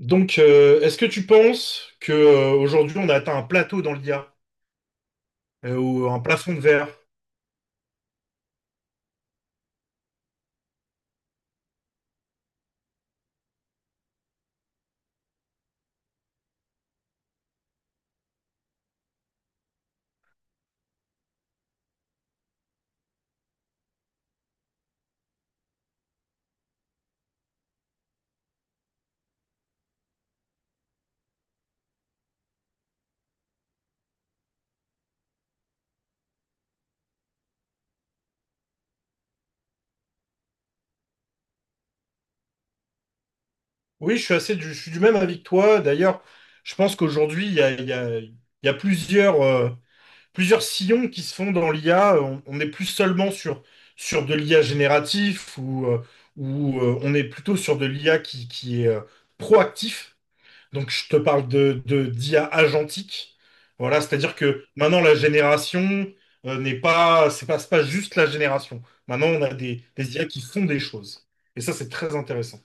Donc, est-ce que tu penses que aujourd'hui on a atteint un plateau dans l'IA ou un plafond de verre? Oui, je suis du même avis que toi. D'ailleurs, je pense qu'aujourd'hui il y a, il y a- il y a plusieurs, plusieurs sillons qui se font dans l'IA. On n'est plus seulement sur de l'IA génératif ou on est plutôt sur de l'IA qui est proactif. Donc je te parle d'IA agentique. Voilà, c'est-à-dire que maintenant la génération n'est pas, c'est pas, c'est pas juste la génération. Maintenant on a des IA qui font des choses. Et ça, c'est très intéressant.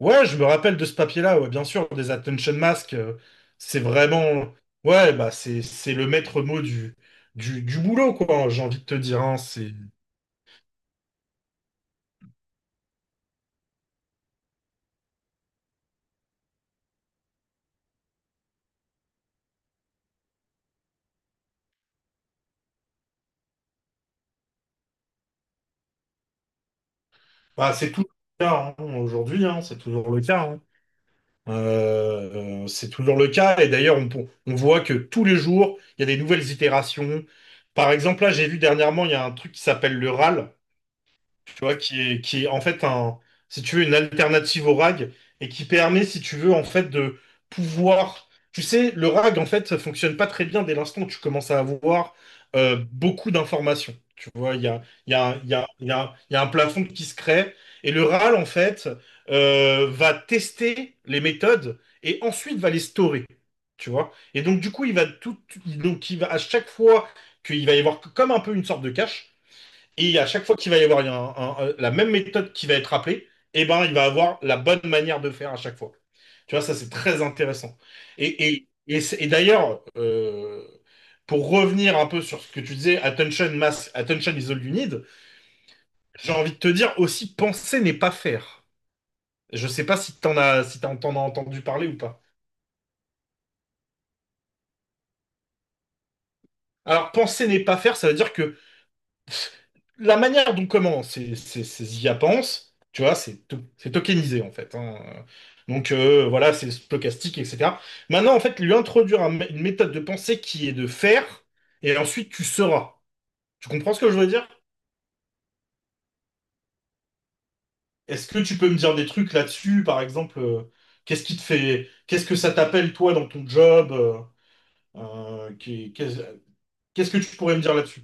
Ouais, je me rappelle de ce papier-là, ouais, bien sûr, des attention masks. C'est vraiment, ouais, c'est le maître mot du boulot, quoi. J'ai envie de te dire, hein, c'est, c'est tout le cas, hein, aujourd'hui, hein, c'est toujours le cas, hein. C'est toujours le cas. Et d'ailleurs, on voit que tous les jours, il y a des nouvelles itérations. Par exemple, là, j'ai vu dernièrement, il y a un truc qui s'appelle le RAL, tu vois, qui est en fait un, si tu veux, une alternative au rag, et qui permet, si tu veux, en fait, de pouvoir. Tu sais, le rag, en fait, ça fonctionne pas très bien dès l'instant où tu commences à avoir beaucoup d'informations. Tu vois, il y a, il y a, il y a, il y a, il y a un plafond qui se crée, et le RAL, en fait, va tester les méthodes et ensuite va les storer. Tu vois? Et donc, du coup, il va à chaque fois qu'il va y avoir comme un peu une sorte de cache. Et à chaque fois qu'il va y avoir la même méthode qui va être appelée, eh ben, il va avoir la bonne manière de faire à chaque fois. Tu vois, ça, c'est très intéressant. Et d'ailleurs, pour revenir un peu sur ce que tu disais, attention, mass, attention is all you need, j'ai envie de te dire aussi, penser n'est pas faire. Je sais pas si t'en as entendu parler ou pas. Alors, penser n'est pas faire, ça veut dire que la manière dont comment ces IA pensent, tu vois, c'est tokenisé en fait, hein. Donc voilà, c'est stochastique, etc. Maintenant, en fait, lui introduire une méthode de pensée qui est de faire, et ensuite tu seras. Tu comprends ce que je veux dire? Est-ce que tu peux me dire des trucs là-dessus? Par exemple, qu'est-ce qui te fait, qu'est-ce que ça t'appelle toi dans ton job? Euh, qui- qu'est- Qu'est-ce que tu pourrais me dire là-dessus?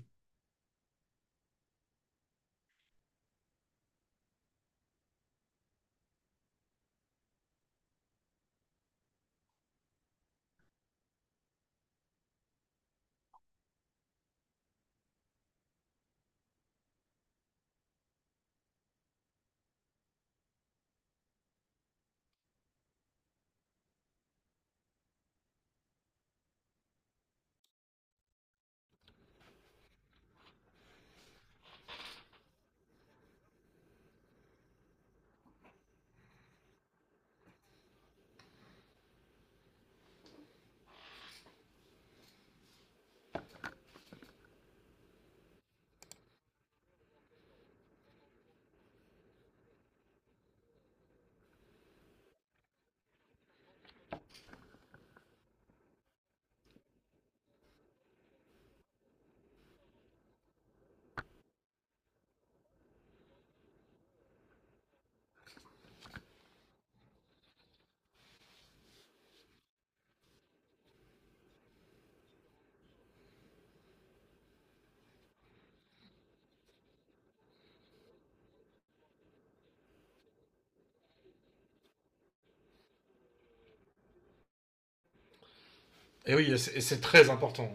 Et oui, et c'est, et c'est très important.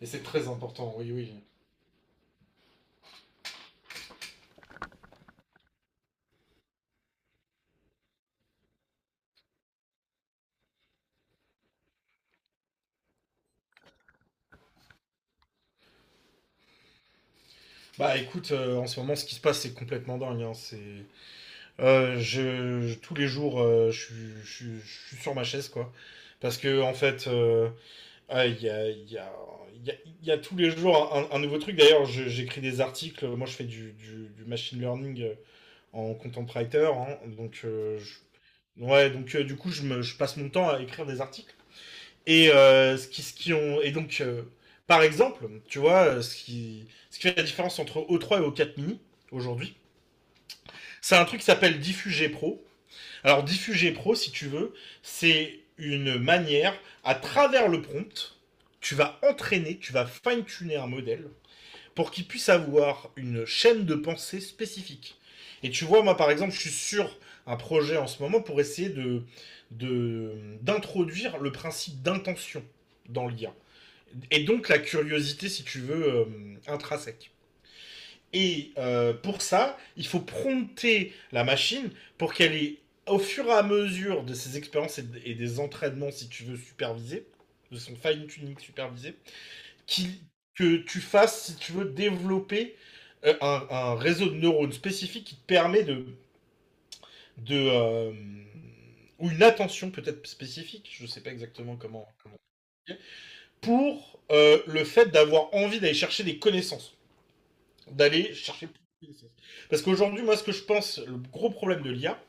Et c'est très important, oui, oui. Bah écoute, en ce moment, ce qui se passe, c'est complètement dingue, hein. C'est, tous les jours, euh, je suis, je suis sur ma chaise, quoi. Parce que en fait, ah, il y a, il y a- il y a- il y a tous les jours un nouveau truc. D'ailleurs, j'écris des articles. Moi, je fais du machine learning, en content writer, hein. Donc du coup, je passe mon temps à écrire des articles. Et ce qui ont et donc par exemple, tu vois, ce qui fait la différence entre o3 et o4 mini aujourd'hui, c'est un truc qui s'appelle Diffugé Pro. Alors Diffugé Pro, si tu veux, c'est une manière, à travers le prompt, tu vas entraîner, tu vas fine-tuner un modèle pour qu'il puisse avoir une chaîne de pensée spécifique. Et tu vois, moi par exemple, je suis sur un projet en ce moment pour essayer de- d'introduire le principe d'intention dans l'IA, et donc la curiosité, si tu veux, intrinsèque. Et pour ça, il faut prompter la machine pour qu'elle ait, au fur et à mesure de ses expériences et des entraînements, si tu veux, supervisés, de son fine-tuning supervisé, qui, que tu fasses, si tu veux, développer un réseau de neurones spécifique qui te permet de ou une attention peut-être spécifique, je ne sais pas exactement comment, pour le fait d'avoir envie d'aller chercher des connaissances, d'aller chercher plus de connaissances. Parce qu'aujourd'hui, moi, ce que je pense, le gros problème de l'IA,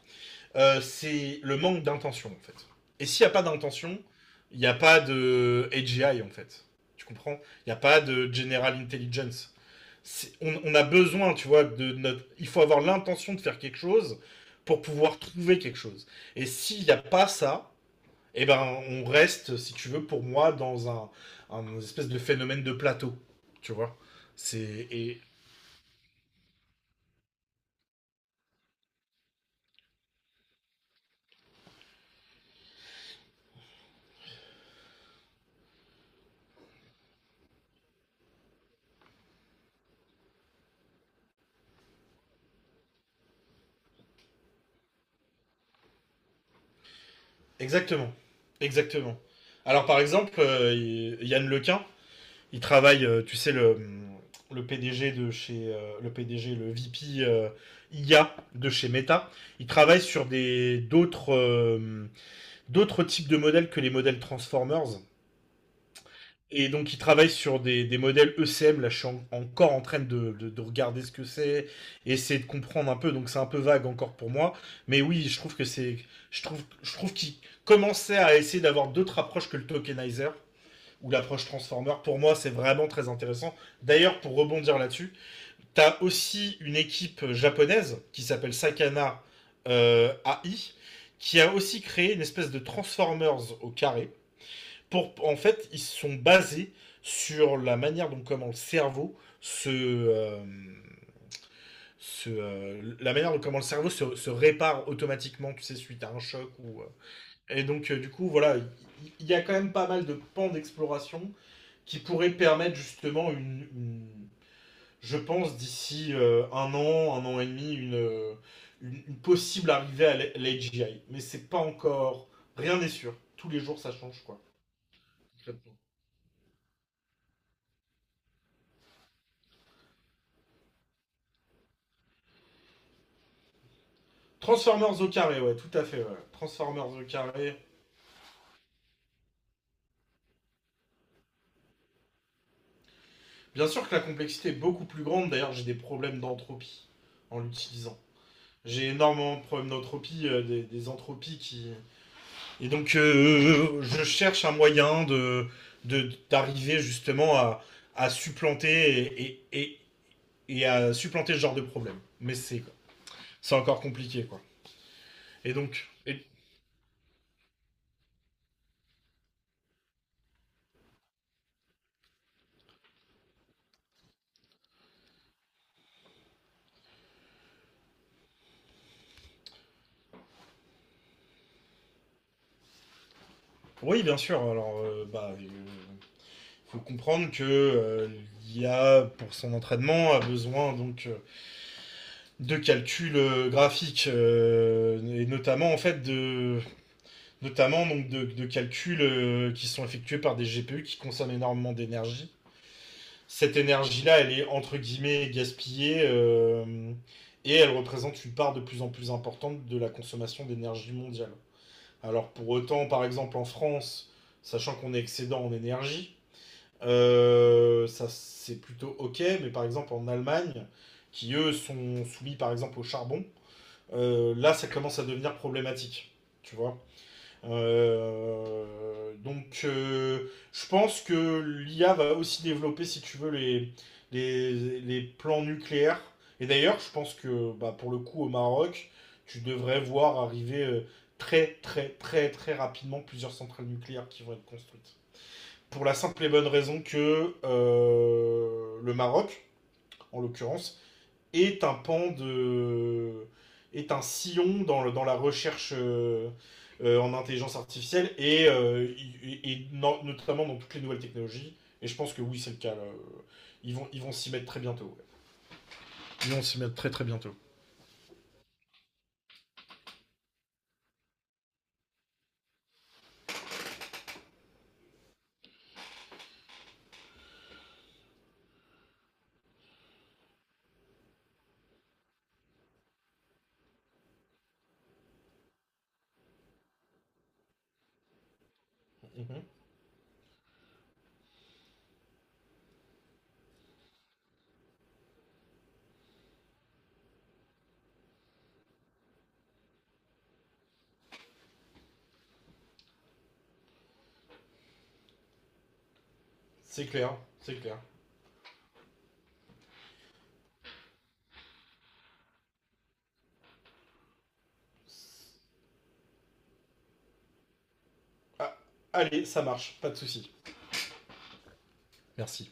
c'est le manque d'intention, en fait. Et s'il n'y a pas d'intention, il n'y a pas de AGI, en fait. Tu comprends? Il n'y a pas de General Intelligence. On a besoin, tu vois, de notre... Il faut avoir l'intention de faire quelque chose pour pouvoir trouver quelque chose. Et s'il n'y a pas ça, eh ben, on reste, si tu veux, pour moi, dans un espèce de phénomène de plateau. Tu vois. C'est. et- Exactement. Exactement. Alors, par exemple, Yann Lequin, il travaille, tu sais, le PDG de chez. Le PDG, le VP IA de chez Meta. Il travaille sur des d'autres d'autres types de modèles que les modèles Transformers. Et donc, ils travaillent sur des modèles ECM. Là, encore en train de regarder ce que c'est, et essayer de comprendre un peu. Donc, c'est un peu vague encore pour moi. Mais oui, je trouve que c'est. Je trouve qu'ils commençaient à essayer d'avoir d'autres approches que le tokenizer ou l'approche transformer. Pour moi, c'est vraiment très intéressant. D'ailleurs, pour rebondir là-dessus, t'as aussi une équipe japonaise qui s'appelle Sakana, AI, qui a aussi créé une espèce de Transformers au carré. Pour, en fait, ils sont basés sur la manière dont comment le cerveau se, la manière dont comment le cerveau se répare automatiquement, tu sais, suite à un choc ou. Et donc, du coup, voilà, a quand même pas mal de pans d'exploration qui pourraient permettre justement je pense, d'ici un an et demi, une possible arrivée à l'AGI. Mais c'est pas encore, rien n'est sûr. Tous les jours, ça change, quoi. Transformers au carré, ouais, tout à fait, ouais. Transformers au carré. Bien sûr que la complexité est beaucoup plus grande. D'ailleurs, j'ai des problèmes d'entropie en l'utilisant. J'ai énormément de problèmes d'entropie, des entropies qui. Et donc, je cherche un moyen d'arriver justement à supplanter et à supplanter ce genre de problème. Mais c'est encore compliqué, quoi. Et donc, et- oui, bien sûr. Alors, faut comprendre que l'IA, pour son entraînement, a besoin donc de calculs graphiques et notamment en fait de notamment donc de calculs qui sont effectués par des GPU qui consomment énormément d'énergie. Cette énergie-là, elle est entre guillemets gaspillée, et elle représente une part de plus en plus importante de la consommation d'énergie mondiale. Alors pour autant, par exemple en France, sachant qu'on est excédent en énergie, ça, c'est plutôt ok, mais par exemple en Allemagne, qui eux sont soumis par exemple au charbon, là ça commence à devenir problématique. Tu vois. Je pense que l'IA va aussi développer, si tu veux, les plans nucléaires. Et d'ailleurs, je pense que, pour le coup au Maroc, tu devrais voir arriver très très très très rapidement plusieurs centrales nucléaires qui vont être construites. Pour la simple et bonne raison que le Maroc, en l'occurrence, est un pan de. Est un sillon dans, dans la recherche en intelligence artificielle et, notamment dans toutes les nouvelles technologies. Et je pense que oui, c'est le cas, là. Ils vont s'y mettre très bientôt, ouais. Ils vont s'y mettre très très bientôt. Mhm. C'est clair, c'est clair. Ah, allez, ça marche, pas de souci. Merci.